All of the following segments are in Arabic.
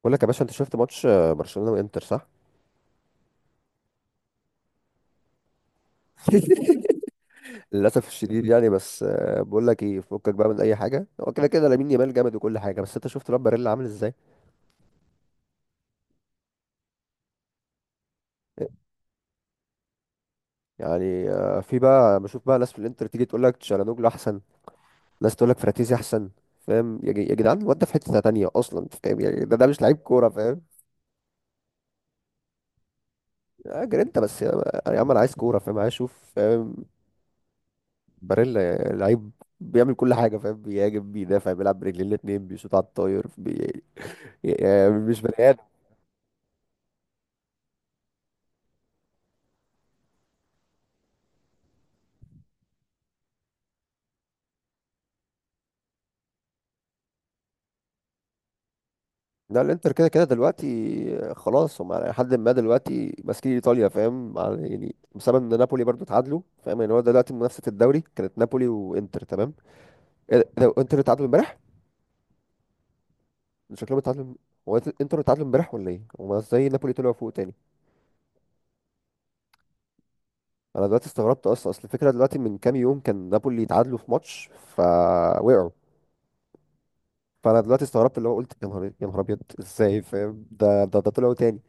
بقول لك يا باشا، انت شفت ماتش برشلونة وانتر، صح؟ للاسف الشديد يعني، بس بقول لك ايه، فكك بقى من اي حاجه، هو كده كده لامين يامال جامد وكل حاجه، بس انت شفت لامباريلا عامل ازاي؟ يعني، في بقى بشوف بقى ناس في الانتر تيجي تقول لك تشالانوجلو احسن، ناس تقول لك فراتيزي احسن. فاهم يا جدعان، الواد ده في حته تانية اصلا، انت فاهم يعني؟ ده مش لعيب كوره، فاهم؟ اجر انت بس يا عم، انا عايز كوره، فاهم؟ عايز اشوف، فاهم؟ باريلا لعيب، بيعمل كل حاجه، فاهم؟ بيهاجم، بيدافع، بيلعب برجلين الاتنين، بيشوط على الطاير، يعني مش بني ادم. لا، الانتر كده كده دلوقتي، خلاص، هم على حد ما دلوقتي ماسكين ايطاليا، فاهم؟ يعني بسبب ان نابولي برضو اتعادلوا، فاهم يعني؟ هو دلوقتي منافسه الدوري كانت نابولي وانتر، تمام. ايه ده إيه ده، انتر اتعادلوا امبارح؟ شكلهم اتعادلوا. هو انتر اتعادلوا امبارح ولا ايه؟ هما ازاي نابولي طلعوا فوق تاني؟ انا دلوقتي استغربت اصلا، اصل الفكره دلوقتي من كام يوم كان نابولي اتعادلوا في ماتش، فوقعوا. فانا دلوقتي استغربت، اللي هو قلت يا نهار ابيض، ازاي فاهم؟ ده طلعوا تاني.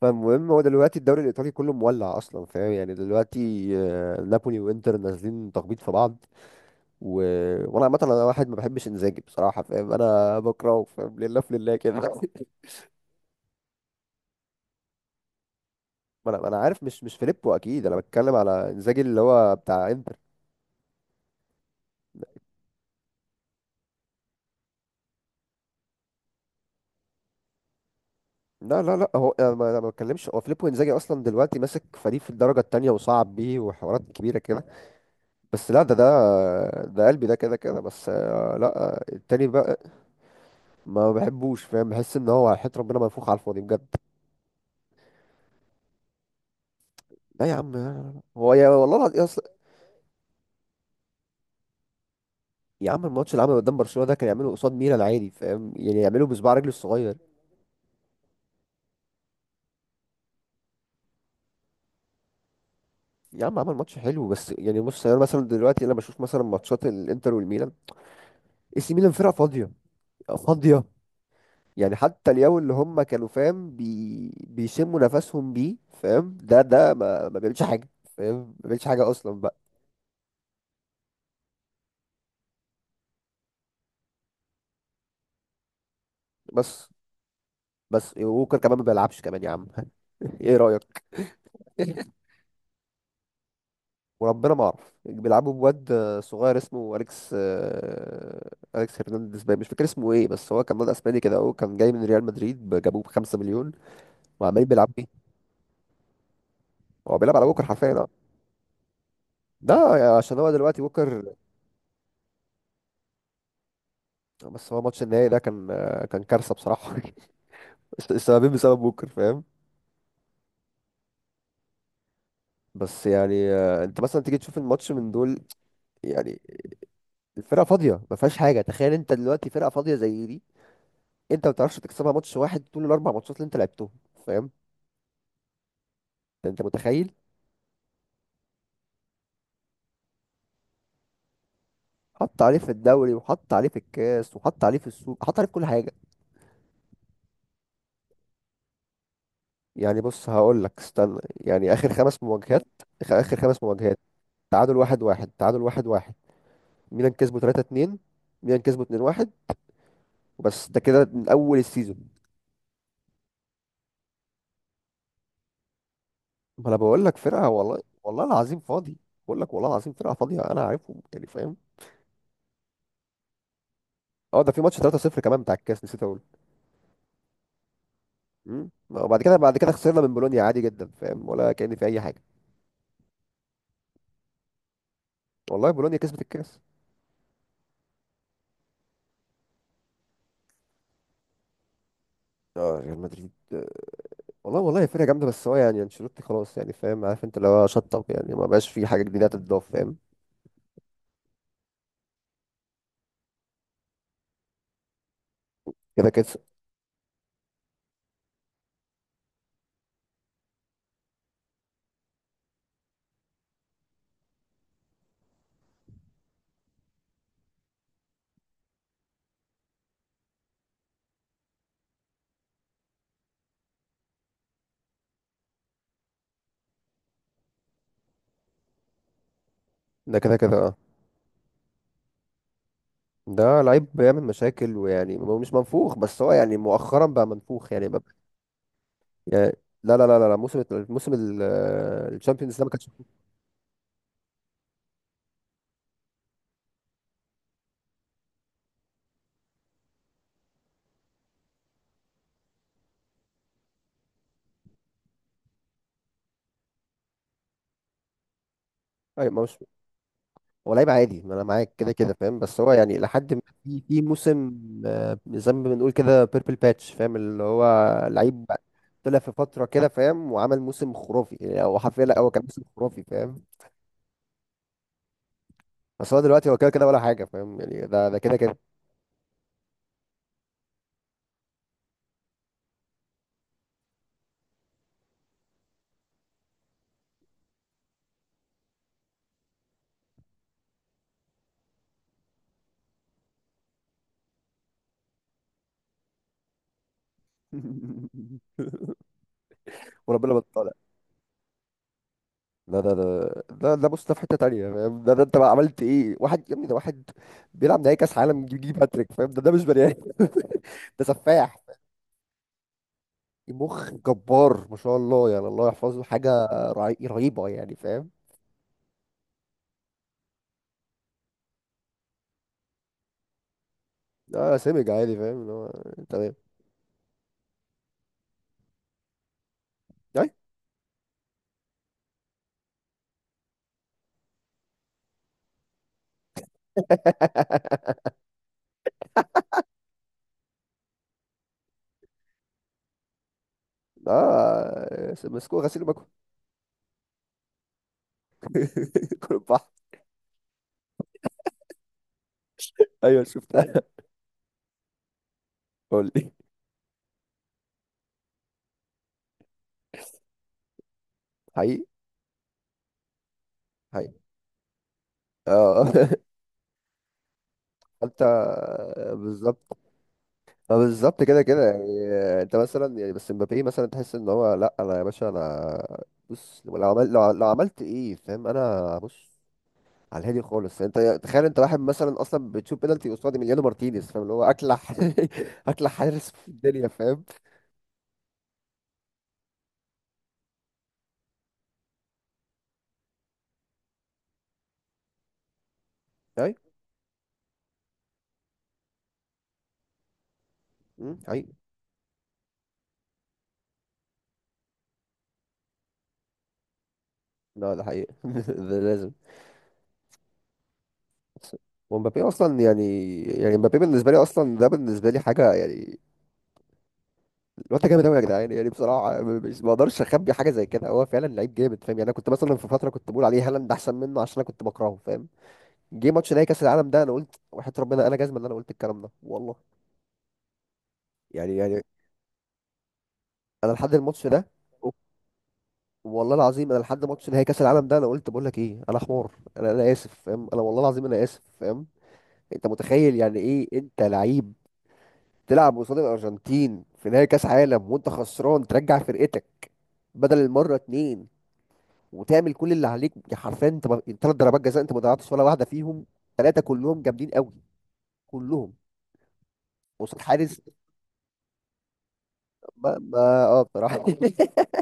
فالمهم، هو دلوقتي الدوري الايطالي كله مولع اصلا، فاهم يعني؟ دلوقتي نابولي وانتر نازلين تخبيط في بعض و... وانا عامه، انا واحد ما بحبش انزاجي بصراحه، فاهم؟ انا بكرهه فاهم، لله في لله كده. ما انا عارف مش فيليبو اكيد، انا بتكلم على انزاجي اللي هو بتاع انتر. لا لا لا، هو انا ما بتكلمش، هو فيليبو انزاجي اصلا دلوقتي ماسك فريق في الدرجه التانية وصعب بيه وحوارات كبيره كده. بس لا، ده ده قلبي، ده كده كده بس، لا التاني بقى. ما بحبوش، فاهم؟ بحس ان هو حياة ربنا منفوخ على الفاضي بجد. لا يا عم، هو يا والله العظيم يا عم، الماتش اللي عمله قدام برشلونة ده كان يعمله قصاد ميلان عادي، فاهم يعني؟ يعمله بصباع رجله الصغير. يا عم، عمل ماتش حلو بس يعني بص، انا مثلا دلوقتي بشوف مثلا ماتشات الانتر والميلان، اي سي ميلان فرقة فاضية، فاضية. يعني حتى اليوم اللي هم كانوا فاهم بيشموا نفسهم بيه، فاهم؟ ده ما بيعملش حاجة، فاهم؟ ما بيعملش حاجة اصلا بقى. بس بس ووكر كمان ما بيلعبش كمان يا عم. ايه رأيك؟ وربنا ما اعرف، بيلعبوا بواد صغير اسمه اليكس، اليكس هرنانديز باين، مش فاكر اسمه ايه، بس هو كان واد اسباني كده، اهو كان جاي من ريال مدريد، جابوه ب 5 مليون وعمال بيلعب بيه. هو بيلعب على بوكر حرفيا، اه، ده يعني عشان هو دلوقتي بوكر. بس هو ماتش النهائي ده كان كارثه بصراحه. السببين بسبب بوكر، فاهم؟ بس يعني انت مثلا تيجي تشوف الماتش من دول، يعني الفرقه فاضيه، ما فيهاش حاجه، تخيل انت دلوقتي فرقه فاضيه زي دي، انت ما بتعرفش تكسبها ماتش واحد طول الاربع ماتشات اللي انت لعبتهم، فاهم؟ انت متخيل؟ حط عليه في الدوري، وحط عليه في الكاس، وحط عليه في السوق، حط عليه في كل حاجة. يعني بص، هقول لك استنى، يعني آخر خمس مواجهات، آخر خمس مواجهات: تعادل واحد واحد، ميلان كسبوا 3-2، ميلان كسبوا 2-1، وبس ده كده من أول السيزون. ما أنا بقول لك، فرقة والله العظيم فاضي. بقول لك والله العظيم فرقة فاضية، أنا عارفهم يعني، فاهم؟ اه، ده في ماتش 3-0 كمان بتاع الكاس، نسيت اقول. وبعد كده خسرنا من بولونيا عادي جدا، فاهم؟ ولا كأن في اي حاجه. والله بولونيا كسبت الكاس. اه ريال مدريد، والله فرقة جامدة، بس هو يعني انشيلوتي خلاص يعني، فاهم عارف انت اللي هو شطب يعني، ما بقاش في حاجة جديدة تتضاف، فاهم؟ كده كده. ده كده كده، اه ده لعيب بيعمل مشاكل، ويعني هو مش منفوخ، بس هو يعني مؤخرا بقى منفوخ يعني بقى. يعني، لا لا لا لا لا، موسم الشامبيونز ده ما كانش. اي، ما مش هو لعيب عادي، ما انا معاك كده كده فاهم، بس هو يعني لحد ما في موسم زي ما بنقول كده بيربل باتش، فاهم؟ اللي هو لعيب طلع في فترة كده فاهم، وعمل موسم خرافي، يعني هو حرفيا، لا هو كان موسم خرافي، فاهم؟ بس هو دلوقتي كده كده ولا حاجه، فاهم يعني؟ ده كده كده. وربنا ما طالع، ده بص، ده في حته تانيه، فاهم؟ ده انت بقى عملت ايه؟ واحد يا ابني ده، واحد بيلعب نهائي كاس عالم يجيب هاتريك، فاهم؟ ده مش بني ادم. ده سفاح، مخ جبار، ما شاء الله يعني، الله يحفظه، حاجه رهيبه يعني، فاهم؟ اه، سمج عادي، فاهم؟ اللي هو تمام. أي. اه مسكوه غسيل ومكوه. كل البحر. ايوه شفتها، قول لي. حقيقي، حقيقي، اه. انت بالظبط، اه بالظبط كده كده، يعني انت مثلا يعني بس مبابي مثلا، تحس ان هو، لا انا يا باشا انا بص، لو عملت ايه، فاهم؟ انا بص على الهادي خالص، يعني انت تخيل انت واحد مثلا اصلا بتشوف بينالتي قصاد ميليانو مارتينيز، فاهم؟ اللي هو اكلح، اكلح حارس في الدنيا، فاهم؟ اي. حقيقي. لا ده حقيقي، ده لازم. ومبابي اصلا يعني مبابي بالنسبه لي اصلا، ده بالنسبه لي حاجه يعني. الواد ده جامد قوي يا جدعان، يعني بصراحه مش ما اقدرش اخبي حاجه زي كده، هو فعلا لعيب جامد، فاهم يعني؟ انا كنت مثلا في فتره كنت بقول عليه هالاند احسن منه، عشان انا كنت بكرهه فاهم. جه ماتش نهائي كاس العالم ده، انا قلت وحياه ربنا انا جزمه ان انا قلت الكلام ده والله. يعني انا لحد الماتش ده، والله العظيم انا لحد ماتش نهائي كاس العالم ده، انا قلت بقول لك ايه، انا حمار، انا اسف، فاهم؟ انا والله العظيم انا اسف، فاهم؟ انت متخيل يعني ايه انت لعيب تلعب قصاد الارجنتين في نهائي كاس عالم، وانت خسران ترجع فرقتك بدل المره اتنين، وتعمل كل اللي عليك؟ يا حرفيا انت، ثلاث ضربات جزاء انت ما ضيعتش ولا واحده فيهم، ثلاثه كلهم جامدين قوي، كلهم قصاد حارس. ما اه بصراحه.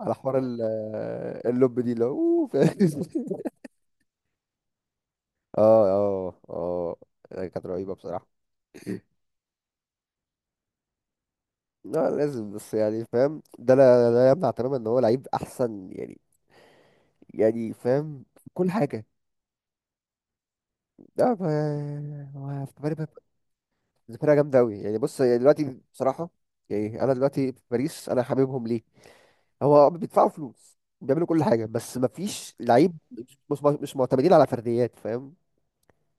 على حوار اللب دي، اللي هو فاهم؟ اه اه، اه كانت رهيبه بصراحه. لا لازم، بس يعني فاهم ده، لا يمنع تماما ان هو لعيب احسن يعني، يعني فاهم في كل حاجه. لا هو في فرقه، فرقة جامده قوي، يعني بص، يعني دلوقتي بصراحه، يعني انا دلوقتي في باريس حاببهم ليه؟ هو بيدفعوا فلوس، بيعملوا كل حاجه، بس ما فيش لعيب، مش معتمدين على فرديات، فاهم؟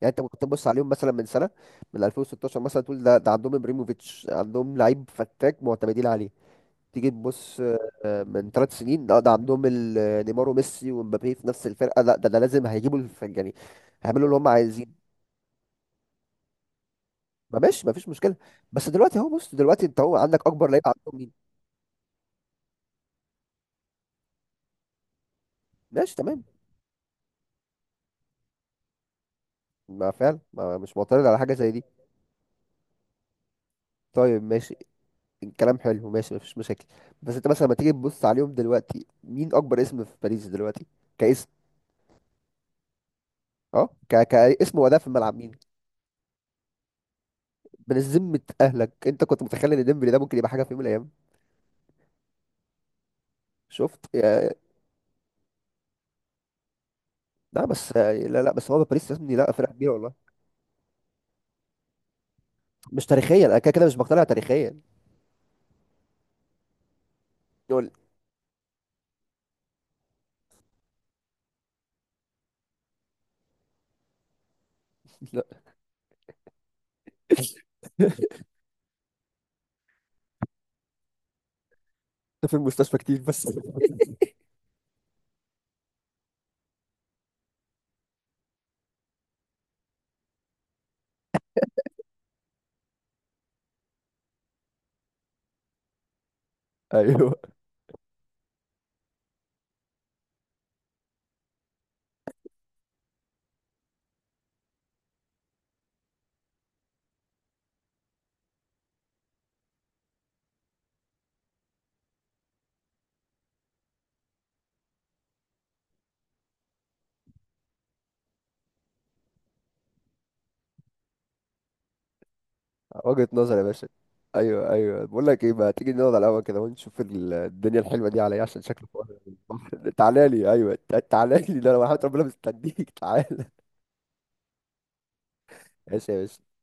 يعني انت كنت تبص عليهم مثلا من 2016 مثلا تقول ده عندهم ابريموفيتش، عندهم لعيب فتاك معتمدين عليه. تيجي تبص من ثلاث سنين، لا ده عندهم نيمار وميسي ومبابي في نفس الفرقه، لا ده لازم هيجيبوا يعني هيعملوا اللي هم عايزين. ما ماشي، ما فيش مشكله. بس دلوقتي اهو بص، دلوقتي انت هو عندك اكبر لعيب عندهم مين؟ ماشي تمام، ما فعلا ما مش معترض على حاجه زي دي، طيب ماشي، كلام حلو، ماشي مفيش مشاكل. بس انت مثلا لما تيجي تبص عليهم دلوقتي، مين اكبر اسم في باريس دلوقتي؟ كاسم، اه كاسم واداء في الملعب، مين؟ من ذمة اهلك، انت كنت متخيل ان ديمبلي ده ممكن يبقى حاجه في يوم من الايام؟ شفت يا. لا، بس، لا لا، بس هو باريس يا ابني، لا فرقه كبيره والله. مش تاريخيا، انا كده كده مش مقتنع تاريخيا. يقول. لا. في المستشفى كتير بس. ايوه، وجهة نظر يا باشا. ايوه ايوه، بقول لك ايه بقى، تيجي نقعد على القهوه كده ونشوف الدنيا الحلوه دي عليا، عشان شكله حوار البحر. تعالى لي، ايوه، تعالى لي، ده انا وحياة ربنا مستنيك. تعالى. ماشي يا باشا.